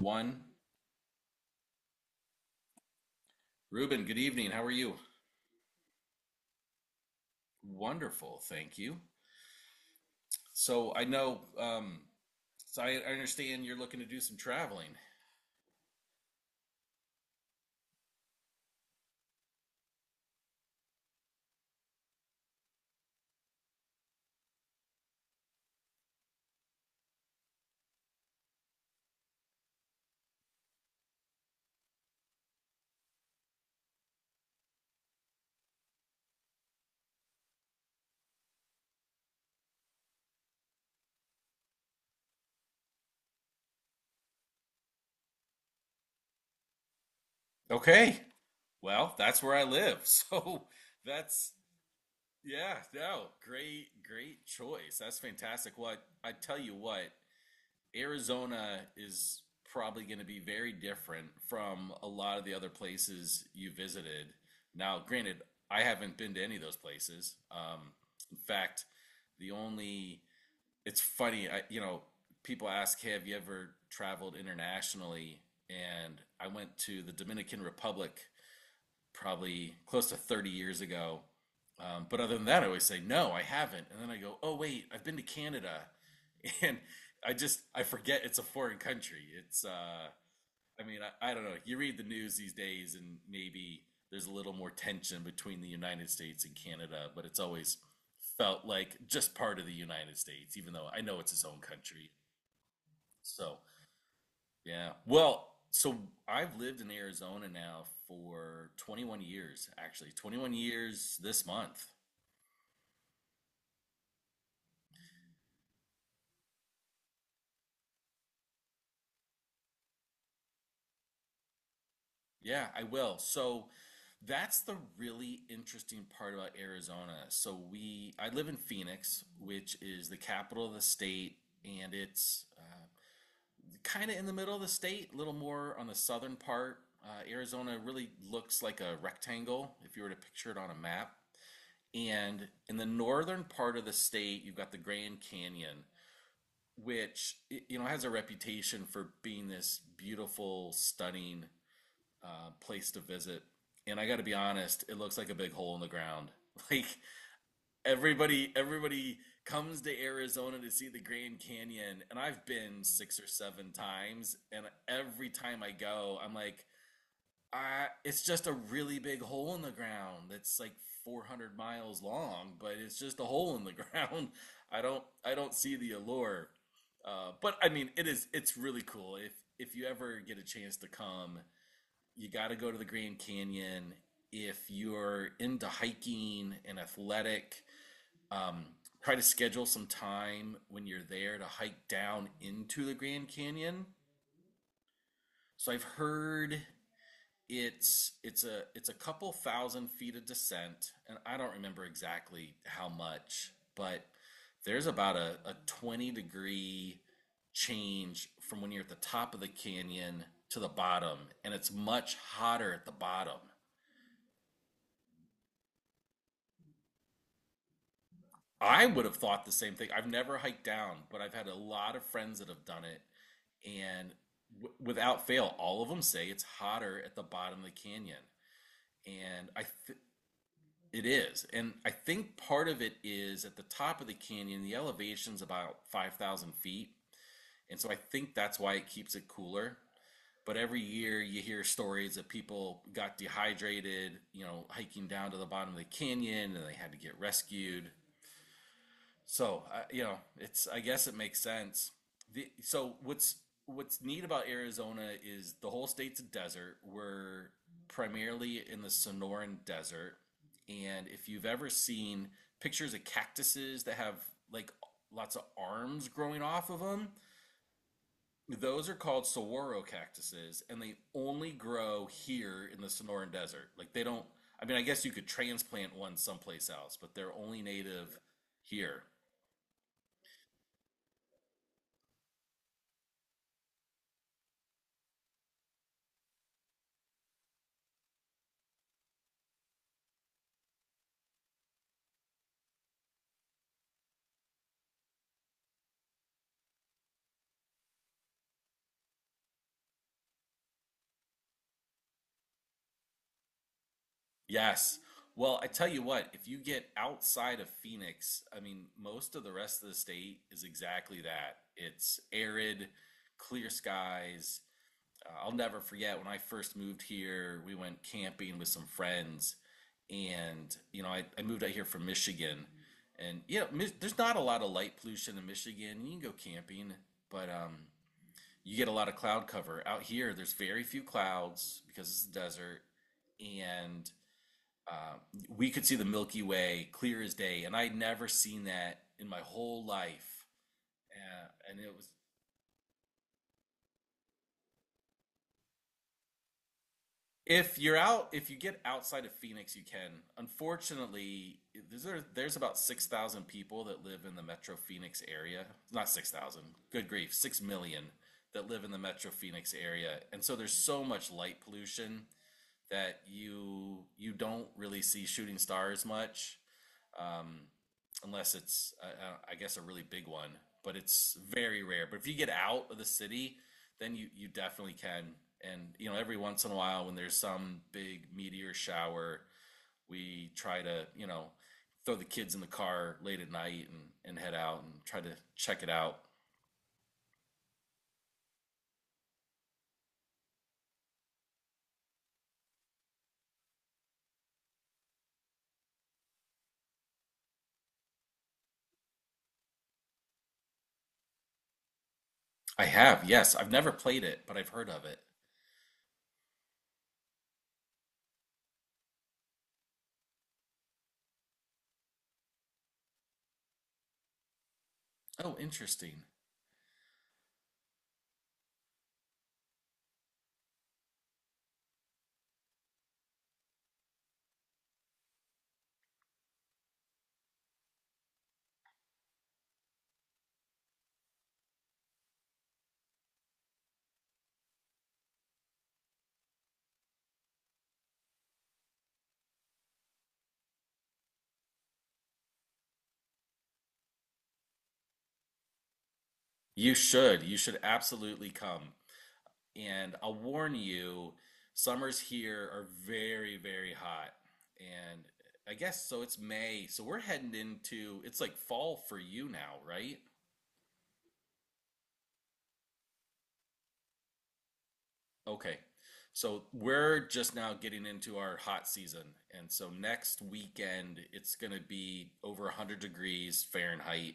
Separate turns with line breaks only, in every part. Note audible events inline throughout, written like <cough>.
One, Ruben, good evening. How are you? Wonderful, thank you. So I know, um, so I understand you're looking to do some traveling. Okay. Well, that's where I live. <laughs> So that's, yeah, no, great choice. That's fantastic. What I tell you what, Arizona is probably going to be very different from a lot of the other places you visited. Now, granted, I haven't been to any of those places. In fact, the only it's funny, people ask, "Hey, have you ever traveled internationally?" And I went to the Dominican Republic probably close to 30 years ago. But other than that, I always say, no, I haven't. And then I go, oh, wait, I've been to Canada. <laughs> And I forget it's a foreign country. It's I mean I don't know. You read the news these days and maybe there's a little more tension between the United States and Canada, but it's always felt like just part of the United States, even though I know it's its own country. So yeah. Well, so I've lived in Arizona now for 21 years, actually. 21 years this month. Yeah, I will. So that's the really interesting part about Arizona. I live in Phoenix, which is the capital of the state, and it's kind of in the middle of the state, a little more on the southern part. Arizona really looks like a rectangle if you were to picture it on a map. And in the northern part of the state, you've got the Grand Canyon, which you know has a reputation for being this beautiful, stunning place to visit. And I got to be honest, it looks like a big hole in the ground. <laughs> Like everybody comes to Arizona to see the Grand Canyon, and I've been six or seven times, and every time I go, I'm like, it's just a really big hole in the ground that's like 400 miles long, but it's just a hole in the ground. <laughs> I don't see the allure. But I mean, it is, It's really cool. If you ever get a chance to come, you got to go to the Grand Canyon. If you're into hiking and athletic, um, try to schedule some time when you're there to hike down into the Grand Canyon. So I've heard it's a couple thousand feet of descent, and I don't remember exactly how much, but there's about a 20-degree change from when you're at the top of the canyon to the bottom, and it's much hotter at the bottom. I would have thought the same thing. I've never hiked down, but I've had a lot of friends that have done it, and w without fail, all of them say it's hotter at the bottom of the canyon, and I th it is, and I think part of it is at the top of the canyon, the elevation's about 5,000 feet, and so I think that's why it keeps it cooler. But every year you hear stories that people got dehydrated, you know, hiking down to the bottom of the canyon and they had to get rescued. So, you know, it's I guess it makes sense. So what's neat about Arizona is the whole state's a desert. We're primarily in the Sonoran Desert, and if you've ever seen pictures of cactuses that have like lots of arms growing off of them, those are called saguaro cactuses, and they only grow here in the Sonoran Desert. Like they don't. I mean, I guess you could transplant one someplace else, but they're only native here. Yes. Well, I tell you what, if you get outside of Phoenix, I mean, most of the rest of the state is exactly that. It's arid, clear skies. I'll never forget when I first moved here, we went camping with some friends. And, you know, I moved out here from Michigan. And, you know, there's not a lot of light pollution in Michigan. You can go camping, but you get a lot of cloud cover. Out here, there's very few clouds because it's the desert and um, we could see the Milky Way clear as day, and I'd never seen that in my whole life. And it was if you're out, if you get outside of Phoenix, you can. Unfortunately, there's there's about 6,000 people that live in the Metro Phoenix area. Not 6,000, good grief, 6 million that live in the Metro Phoenix area, and so there's so much light pollution that you don't really see shooting stars much. um, Unless it's I guess a really big one. But it's very rare. But if you get out of the city, then you definitely can. And you know, every once in a while, when there's some big meteor shower, we try to you know throw the kids in the car late at night and head out and try to check it out. I have, yes, I've never played it, but I've heard of it. Oh, interesting. You should. You should absolutely come. And I'll warn you, summers here are very hot. And I guess so it's May. So we're heading into it's like fall for you now, right? Okay. So we're just now getting into our hot season. And so next weekend it's going to be over 100 degrees Fahrenheit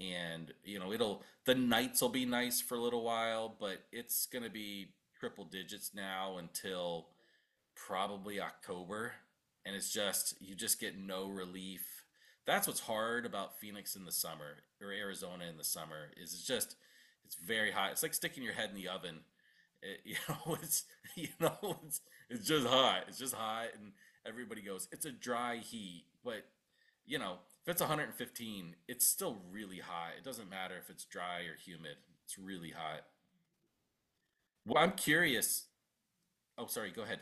and you know, it'll the nights will be nice for a little while, but it's going to be triple digits now until probably October, and it's just you just get no relief. That's what's hard about Phoenix in the summer or Arizona in the summer is it's very hot. It's like sticking your head in the oven. You know, <laughs> you know, it's it's just hot. It's just hot, and everybody goes, it's a dry heat, but you know, if it's 115, it's still really hot. It doesn't matter if it's dry or humid. It's really hot. Well, I'm curious. Oh, sorry, go ahead.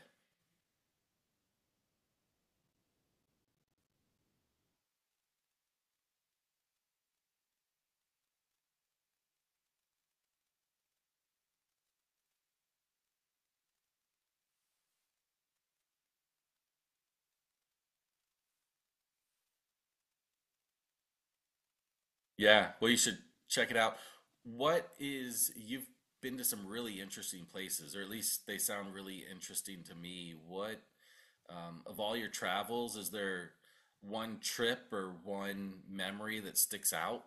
Yeah, well, you should check it out. You've been to some really interesting places, or at least they sound really interesting to me. Of all your travels, is there one trip or one memory that sticks out?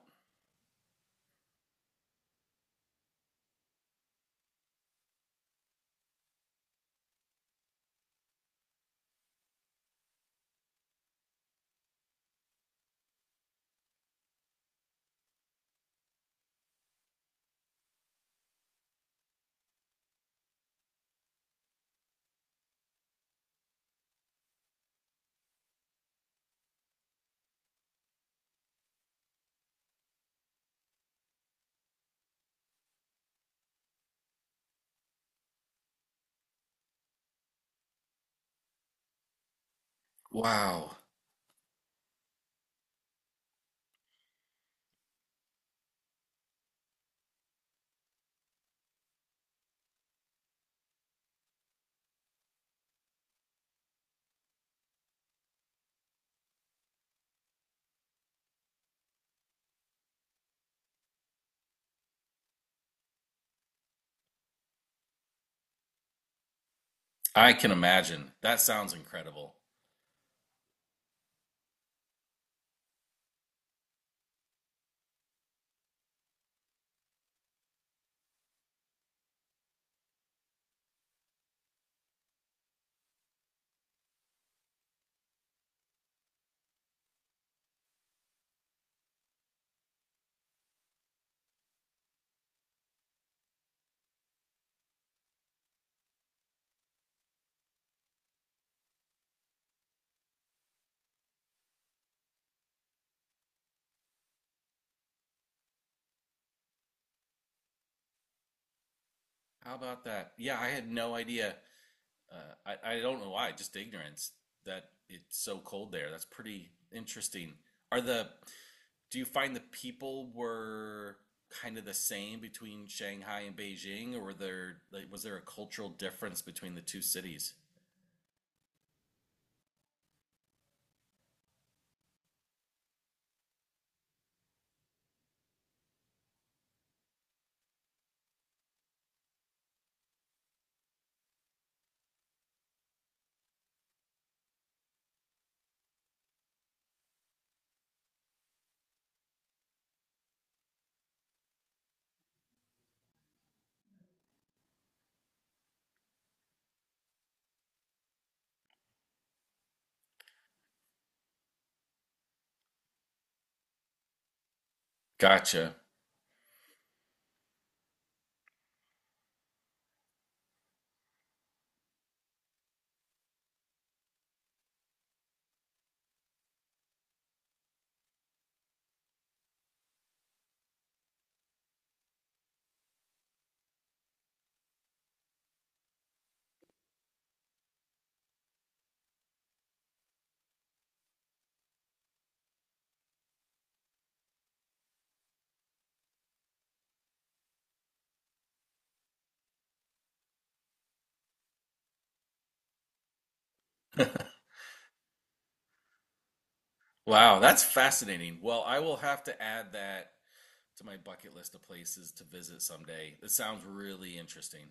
Wow, I can imagine. That sounds incredible. How about that? Yeah, I had no idea. I don't know why, just ignorance that it's so cold there. That's pretty interesting. Are the Do you find the people were kind of the same between Shanghai and Beijing, or were there like was there a cultural difference between the two cities? Gotcha. <laughs> Wow, that's fascinating. Well, I will have to add that to my bucket list of places to visit someday. This sounds really interesting.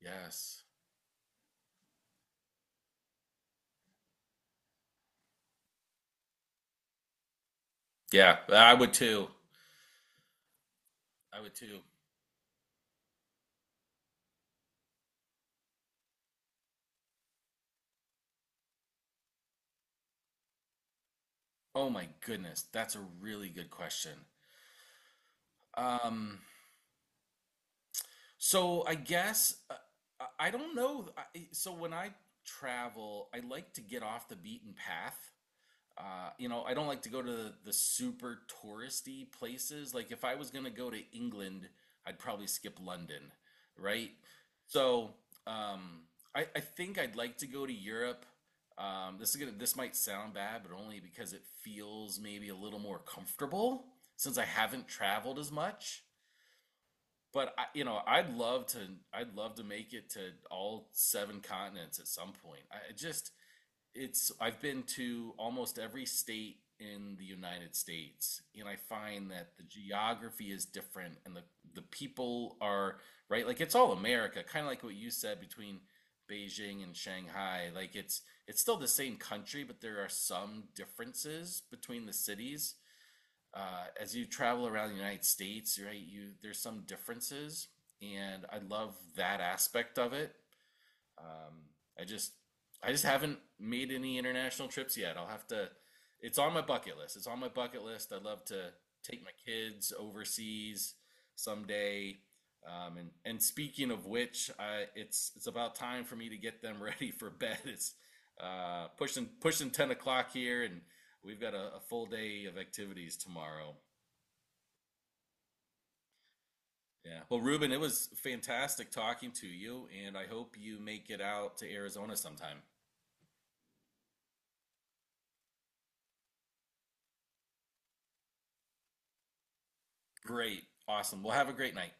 Yes. Yeah, I would too. I would too. Oh my goodness, that's a really good question. Um, So I guess I I don't know. I, so when I travel, I like to get off the beaten path. You know, I don't like to go to the super touristy places. Like if I was going to go to England, I'd probably skip London, right? So um, I think I'd like to go to Europe. This might sound bad, but only because it feels maybe a little more comfortable since I haven't traveled as much. But you know, I'd love to. I'd love to make it to all seven continents at some point. I just, it's. I've been to almost every state in the United States, and I find that the geography is different, and the people are right. Like it's all America, kind of like what you said between Beijing and Shanghai. Like it's still the same country, but there are some differences between the cities as you travel around the United States, right, you there's some differences, and I love that aspect of it. Um, I just I just haven't made any international trips yet. I'll have to. It's on my bucket list. It's on my bucket list. I'd love to take my kids overseas someday. And speaking of which, it's about time for me to get them <laughs> ready for bed. <laughs> It's pushing 10 o'clock here, and we've got a full day of activities tomorrow. Yeah. Well, Ruben, it was fantastic talking to you, and I hope you make it out to Arizona sometime. Great. Awesome. Well, have a great night.